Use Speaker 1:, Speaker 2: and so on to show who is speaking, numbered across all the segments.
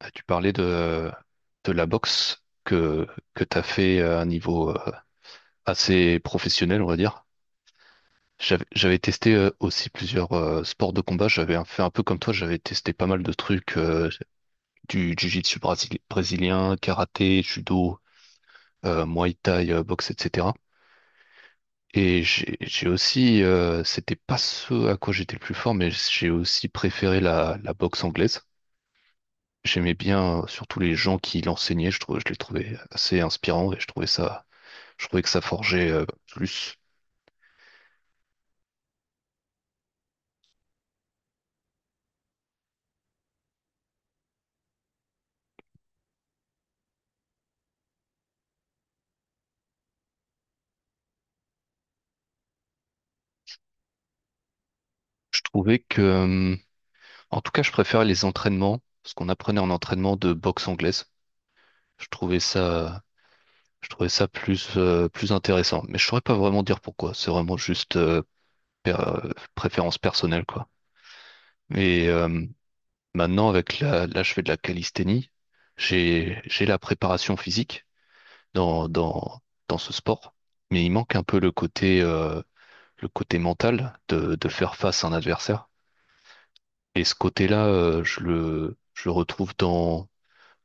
Speaker 1: Ah, tu parlais de la boxe que tu as fait à un niveau assez professionnel, on va dire. J'avais testé aussi plusieurs sports de combat. Fait un peu comme toi, j'avais testé pas mal de trucs, du jiu-jitsu brésilien, karaté, judo, muay thai, boxe, etc. Et j'ai aussi, c'était pas ce à quoi j'étais le plus fort, mais j'ai aussi préféré la boxe anglaise. J'aimais bien surtout les gens qui l'enseignaient, je trouvais, je les trouvais assez inspirants et je trouvais que ça forgeait plus. Je trouvais que, en tout cas, je préfère les entraînements, ce qu'on apprenait en entraînement de boxe anglaise. Je trouvais ça, je trouvais ça plus intéressant. Mais je saurais pas vraiment dire pourquoi. C'est vraiment juste préférence personnelle, quoi. Et maintenant, avec là, je fais de la calisthénie. J'ai la préparation physique dans, dans, dans ce sport, mais il manque un peu le côté mental de faire face à un adversaire. Et ce côté-là, je le retrouve dans,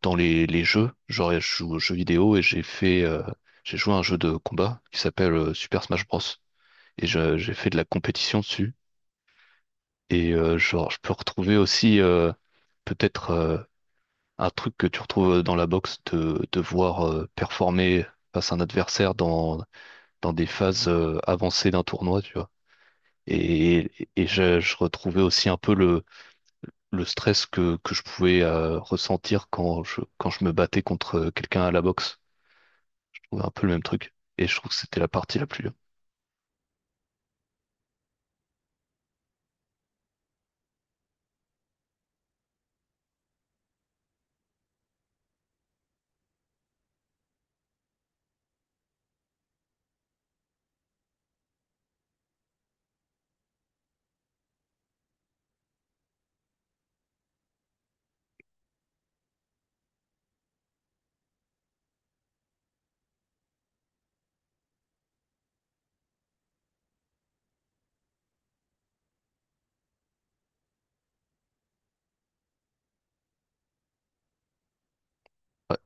Speaker 1: dans les jeux. Genre, je joue aux jeux vidéo et j'ai joué à un jeu de combat qui s'appelle Super Smash Bros. Et j'ai fait de la compétition dessus. Et genre, je peux retrouver aussi peut-être un truc que tu retrouves dans la boxe de voir performer face à un adversaire dans des phases avancées d'un tournoi, tu vois. Je retrouvais aussi un peu le stress que je pouvais ressentir quand je me battais contre quelqu'un à la boxe. Je trouvais un peu le même truc. Et je trouve que c'était la partie la plus dure. Ouais,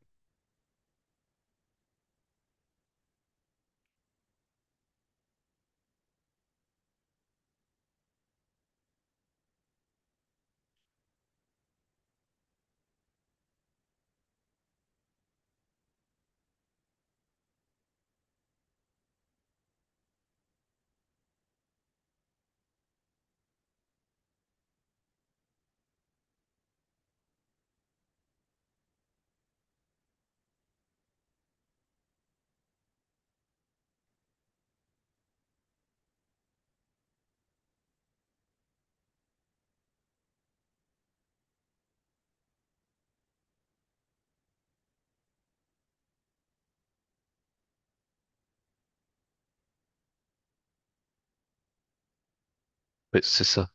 Speaker 1: ouais, c'est ça.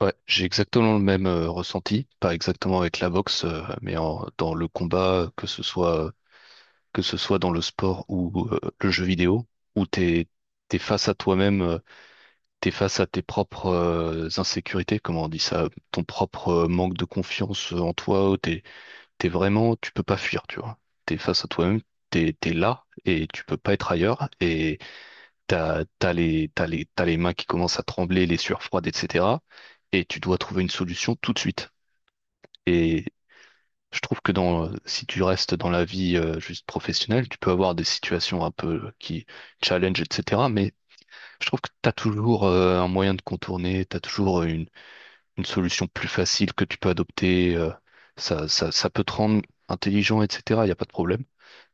Speaker 1: Ouais, j'ai exactement le même ressenti, pas exactement avec la boxe, mais dans le combat, que ce soit dans le sport ou le jeu vidéo, où t'es face à toi-même, t'es face à tes propres insécurités, comment on dit ça, ton propre manque de confiance en toi, t'es vraiment, tu peux pas fuir, tu vois. T'es face à toi-même, t'es là et tu peux pas être ailleurs. Et t'as les mains qui commencent à trembler, les sueurs froides, etc. Et tu dois trouver une solution tout de suite. Et je trouve que si tu restes dans la vie juste professionnelle, tu peux avoir des situations un peu qui challenge, etc. Mais je trouve que t'as toujours un moyen de contourner, t'as toujours une solution plus facile que tu peux adopter. Ça peut te rendre intelligent, etc. Il n'y a pas de problème.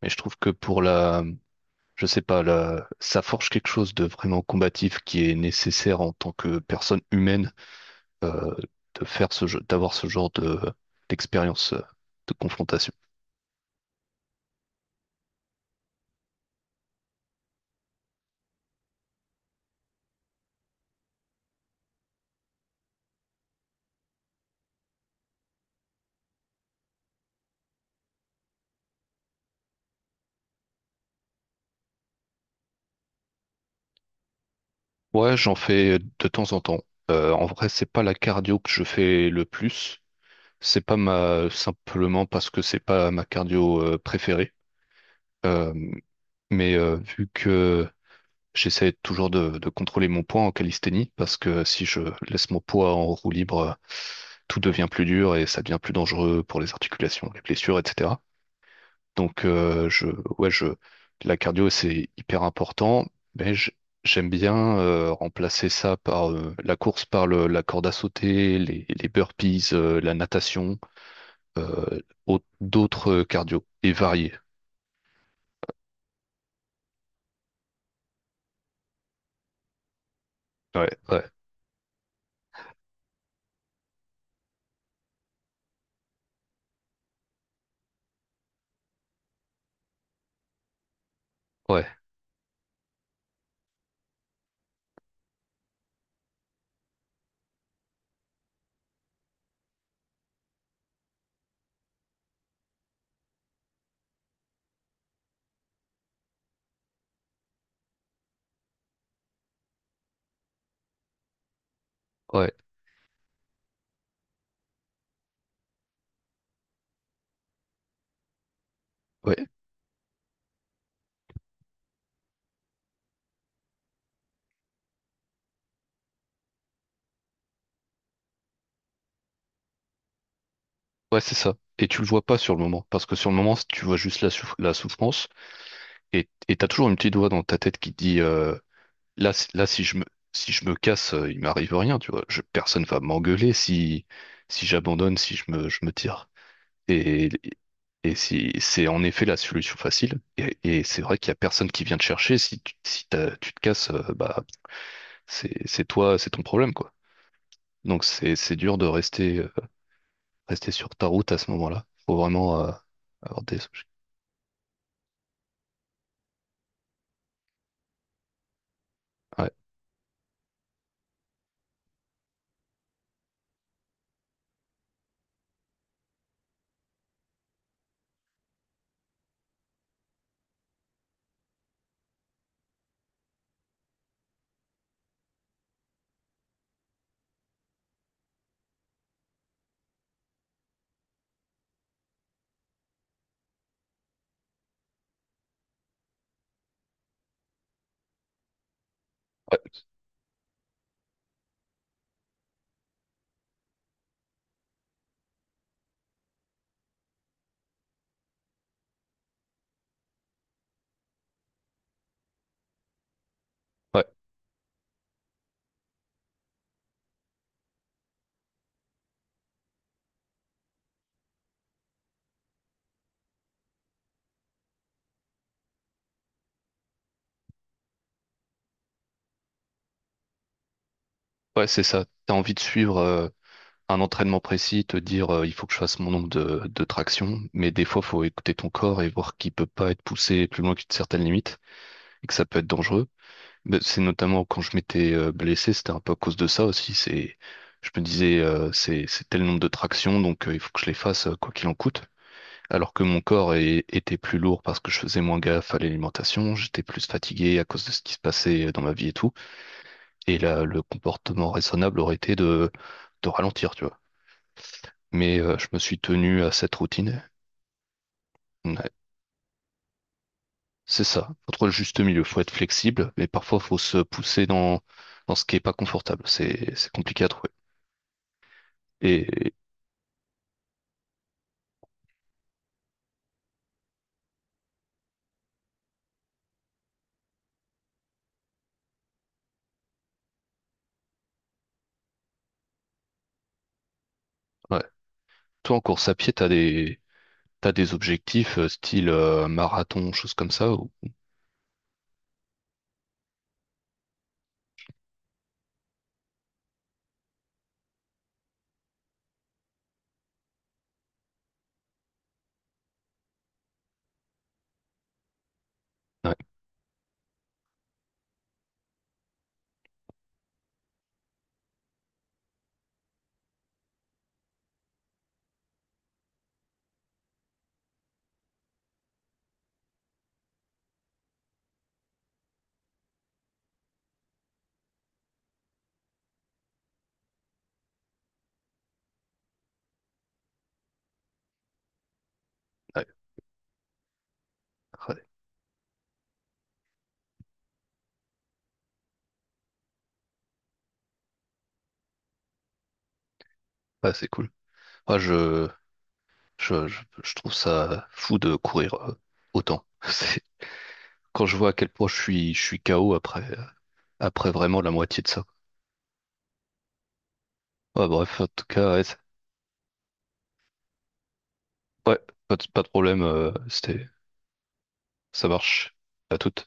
Speaker 1: Mais je trouve que pour je sais pas, ça forge quelque chose de vraiment combatif qui est nécessaire en tant que personne humaine euh, de faire ce jeu, d'avoir ce genre de d'expérience de confrontation. Ouais, j'en fais de temps en temps. En vrai, c'est pas la cardio que je fais le plus. C'est pas ma Simplement parce que c'est pas ma cardio préférée. Euh, mais vu que j'essaie toujours de contrôler mon poids en calisthénie, parce que si je laisse mon poids en roue libre, tout devient plus dur et ça devient plus dangereux pour les articulations, les blessures, etc. Donc ouais, la cardio c'est hyper important, mais j'aime bien remplacer ça par la course, par la corde à sauter, les burpees, la natation, d'autres cardio et variés. Ouais, ouais, ouais, ouais. Ouais. Ouais, c'est ça. Et tu le vois pas sur le moment, parce que sur le moment, tu vois juste la souffrance, et t'as toujours une petite voix dans ta tête qui te dit là, si je me casse, il m'arrive rien, tu vois. Personne va m'engueuler si j'abandonne, si je me tire. Et, et si c'est en effet la solution facile, et c'est vrai qu'il y a personne qui vient te chercher. Si tu te casses, bah c'est toi, c'est ton problème, quoi. Donc c'est dur de rester sur ta route à ce moment-là. Faut vraiment avoir des objectifs. Ouais, ouais, ouais, c'est ça. T'as envie de suivre un entraînement précis, te dire il faut que je fasse mon nombre de tractions, mais des fois, faut écouter ton corps et voir qu'il peut pas être poussé plus loin qu'une certaine limite et que ça peut être dangereux. Mais c'est notamment quand je m'étais blessé, c'était un peu à cause de ça aussi. Je me disais c'est tel nombre de tractions, donc il faut que je les fasse quoi qu'il en coûte. Alors que mon corps était plus lourd parce que je faisais moins gaffe à l'alimentation, j'étais plus fatigué à cause de ce qui se passait dans ma vie et tout. Et là, le comportement raisonnable aurait été de ralentir, tu vois. Mais je me suis tenu à cette routine. Ouais, c'est ça. Faut trouver le juste milieu. Faut être flexible, mais parfois faut se pousser dans ce qui est pas confortable. C'est compliqué à trouver. Et ouais. Toi, en course à pied, t'as des objectifs style marathon, choses comme ça, ou. Ouais, ouais, ouais, ouais, c'est cool. Moi, je trouve ça fou de courir autant. Quand je vois à quel point je suis KO après vraiment la moitié de ça. Ouais, bref, en tout cas, ouais, ouais, pas de problème, ça marche. À toute.